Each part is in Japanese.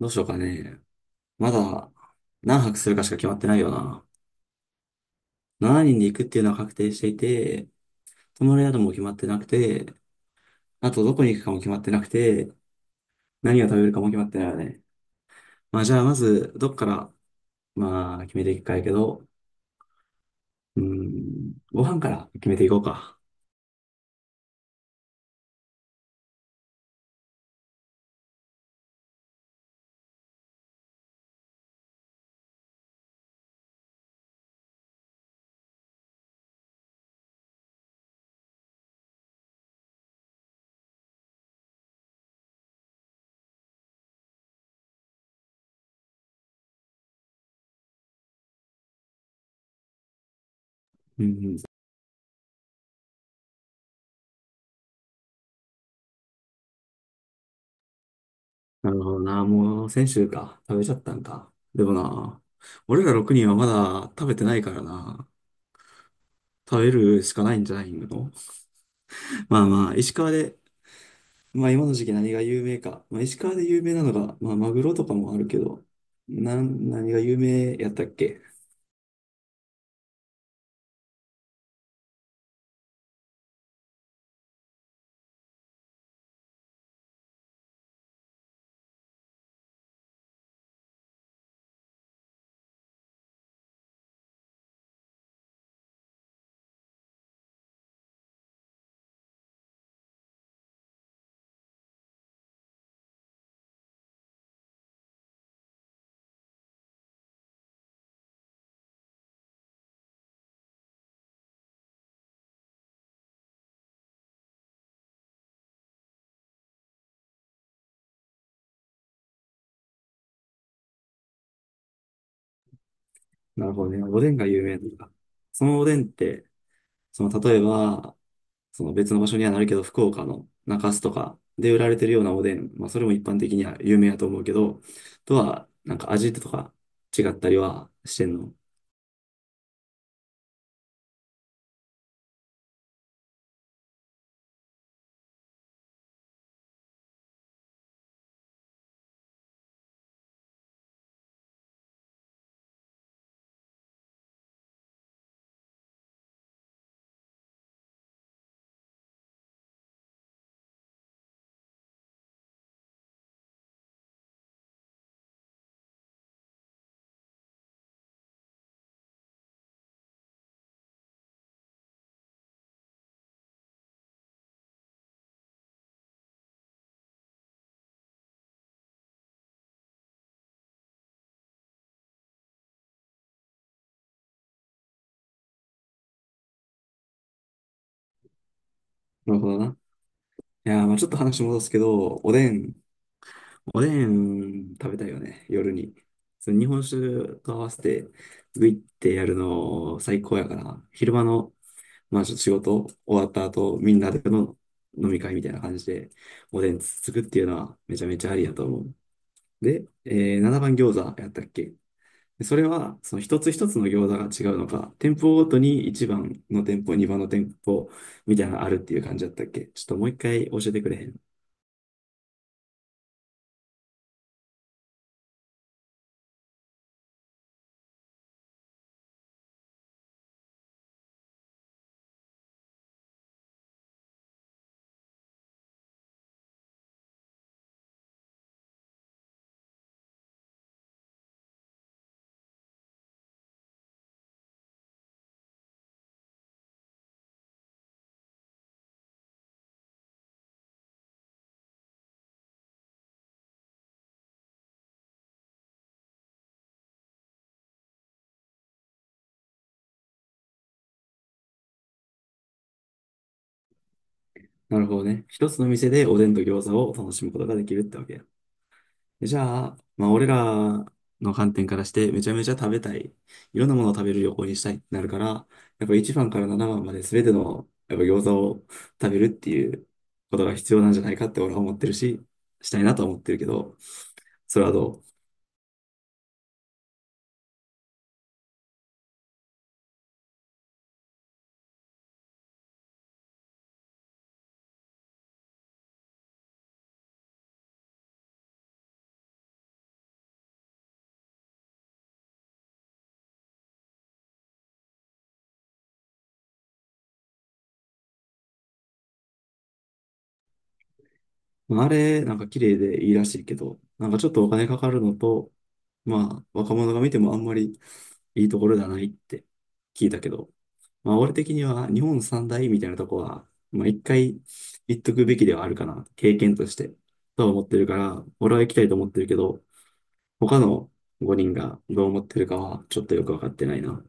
どうしようかね。まだ何泊するかしか決まってないよな。7人で行くっていうのは確定していて、泊まる宿も決まってなくて、あとどこに行くかも決まってなくて、何を食べるかも決まってないよね。まあじゃあまず、どっから、まあ決めていくかやけど、うーん、ご飯から決めていこうか。うん、なるほどな。もう先週か。食べちゃったんか。でもな、俺ら6人はまだ食べてないからな。食べるしかないんじゃないの。 まあまあ、石川でまあ今の時期何が有名か。まあ石川で有名なのが、まあマグロとかもあるけど、何が有名やったっけ。なるほどね。おでんが有名なのか。そのおでんって、その例えば、その別の場所にはなるけど、福岡の中洲とかで売られてるようなおでん、まあそれも一般的には有名やと思うけど、とは、なんか味とか違ったりはしてんの。なるほどな。いやー、まあちょっと話戻すけど、おでん食べたいよね、夜に。その日本酒と合わせて、グイってやるの最高やから、昼間の、まあちょっと仕事終わった後、みんなでの飲み会みたいな感じで、おでんつつくっていうのはめちゃめちゃありやと思う。で、7番餃子やったっけ。でそれは、その一つ一つの餃子が違うのか、店舗ごとに1番の店舗、2番の店舗みたいなのあるっていう感じだったっけ。ちょっともう一回教えてくれへん。なるほどね。一つの店でおでんと餃子を楽しむことができるってわけや。じゃあ、まあ俺らの観点からしてめちゃめちゃ食べたい。いろんなものを食べる旅行にしたいってなるから、やっぱ1番から7番まで全てのやっぱ餃子を食べるっていうことが必要なんじゃないかって俺は思ってるし、したいなとは思ってるけど、それはどう。まあ、あれ、なんか綺麗でいいらしいけど、なんかちょっとお金かかるのと、まあ、若者が見てもあんまりいいところじゃないって聞いたけど、まあ、俺的には日本三大みたいなとこは、まあ、一回行っとくべきではあるかな、経験として、とは思ってるから、俺は行きたいと思ってるけど、他の5人がどう思ってるかはちょっとよくわかってないな。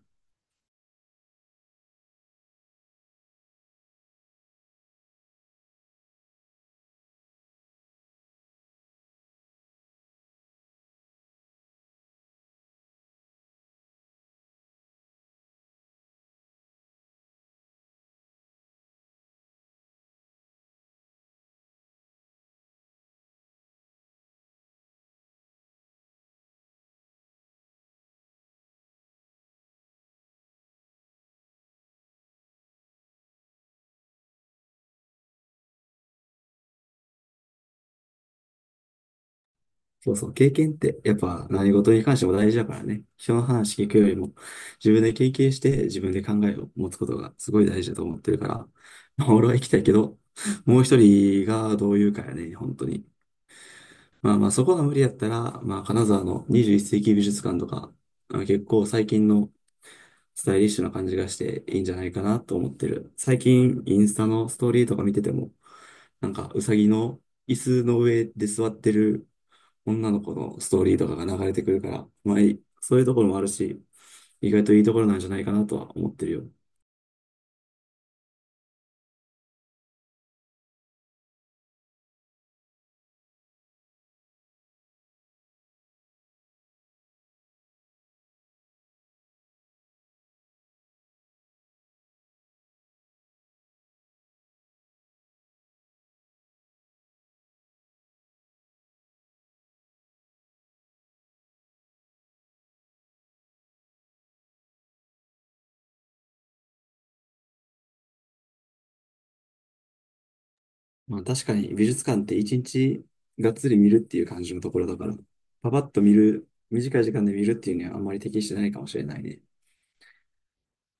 そうそう、経験ってやっぱ何事に関しても大事だからね。人の話聞くよりも自分で経験して自分で考えを持つことがすごい大事だと思ってるから、まあ俺は行きたいけど、もう一人がどう言うかやね、本当に。まあまあそこが無理やったら、まあ金沢の21世紀美術館とか、あの結構最近のスタイリッシュな感じがしていいんじゃないかなと思ってる。最近インスタのストーリーとか見てても、なんかうさぎの椅子の上で座ってる女の子のストーリーとかが流れてくるから、まあ、いそういうところもあるし、意外といいところなんじゃないかなとは思ってるよ。まあ確かに美術館って一日がっつり見るっていう感じのところだから、パパッと見る、短い時間で見るっていうにはあんまり適してないかもしれないね。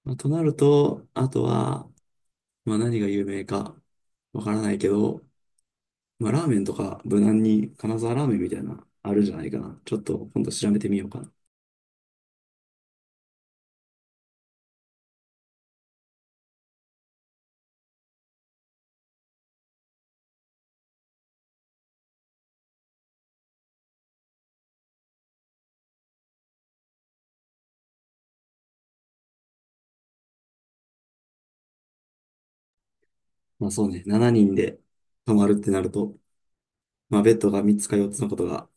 まあ、となると、あとは、まあ何が有名かわからないけど、まあラーメンとか無難に金沢ラーメンみたいなあるんじゃないかな。ちょっと今度調べてみようかな。まあそうね、7人で泊まるってなると、まあ、ベッドが3つか4つのことが、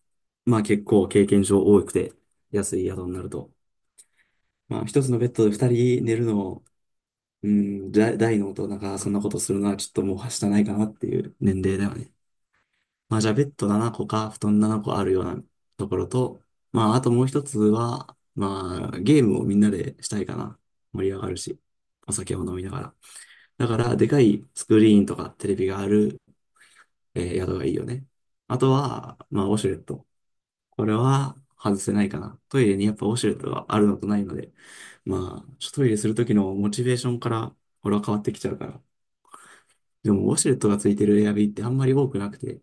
まあ結構経験上多くて、安い宿になると。まあ、1つのベッドで2人寝るのを、うん、じゃ大の大人がそんなことするのはちょっともうはしたないかなっていう年齢だよね。まあ、じゃあベッド7個か布団7個あるようなところと、まあ、あともう1つは、まあ、ゲームをみんなでしたいかな。盛り上がるし、お酒を飲みながら。だから、でかいスクリーンとかテレビがある、宿がいいよね。あとは、まあ、ウォシュレット。これは外せないかな。トイレにやっぱウォシュレットがあるのとないので、まあ、ちょっとトイレするときのモチベーションから俺は変わってきちゃうから。でもウォシュレットがついてるエアビーってあんまり多くなくて、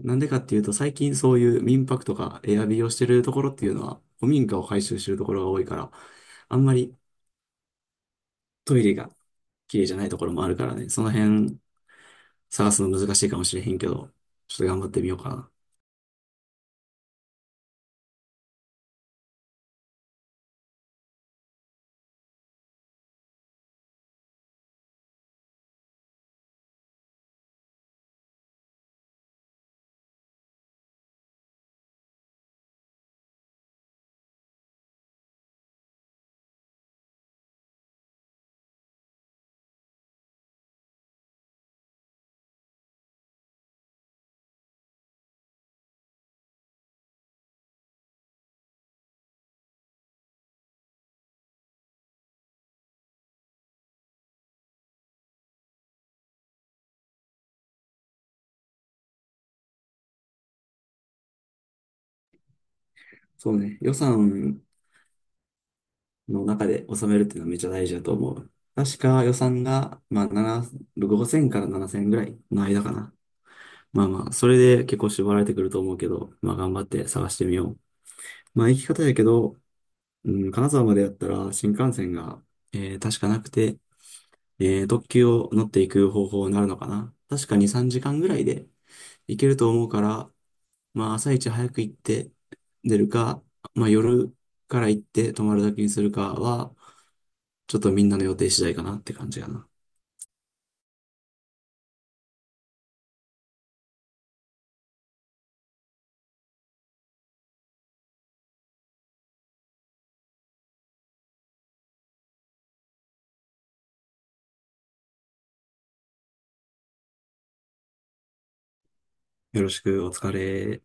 なんでかっていうと最近そういう民泊とかエアビーをしてるところっていうのは古民家を改修してるところが多いから、あんまりトイレが綺麗じゃないところもあるからね、その辺探すの難しいかもしれへんけど、ちょっと頑張ってみようかな。そうね、予算の中で収めるっていうのはめっちゃ大事だと思う。確か予算が、まあ、7、5000から7000ぐらいの間かな。まあまあ、それで結構絞られてくると思うけど、まあ頑張って探してみよう。まあ行き方やけど、うん、金沢までやったら新幹線が、確かなくて、特急を乗っていく方法になるのかな。確か2、3時間ぐらいで行けると思うから、まあ朝一早く行って出るか、まあ夜から行って泊まるだけにするかは、ちょっとみんなの予定次第かなって感じかな。よろしく、お疲れ。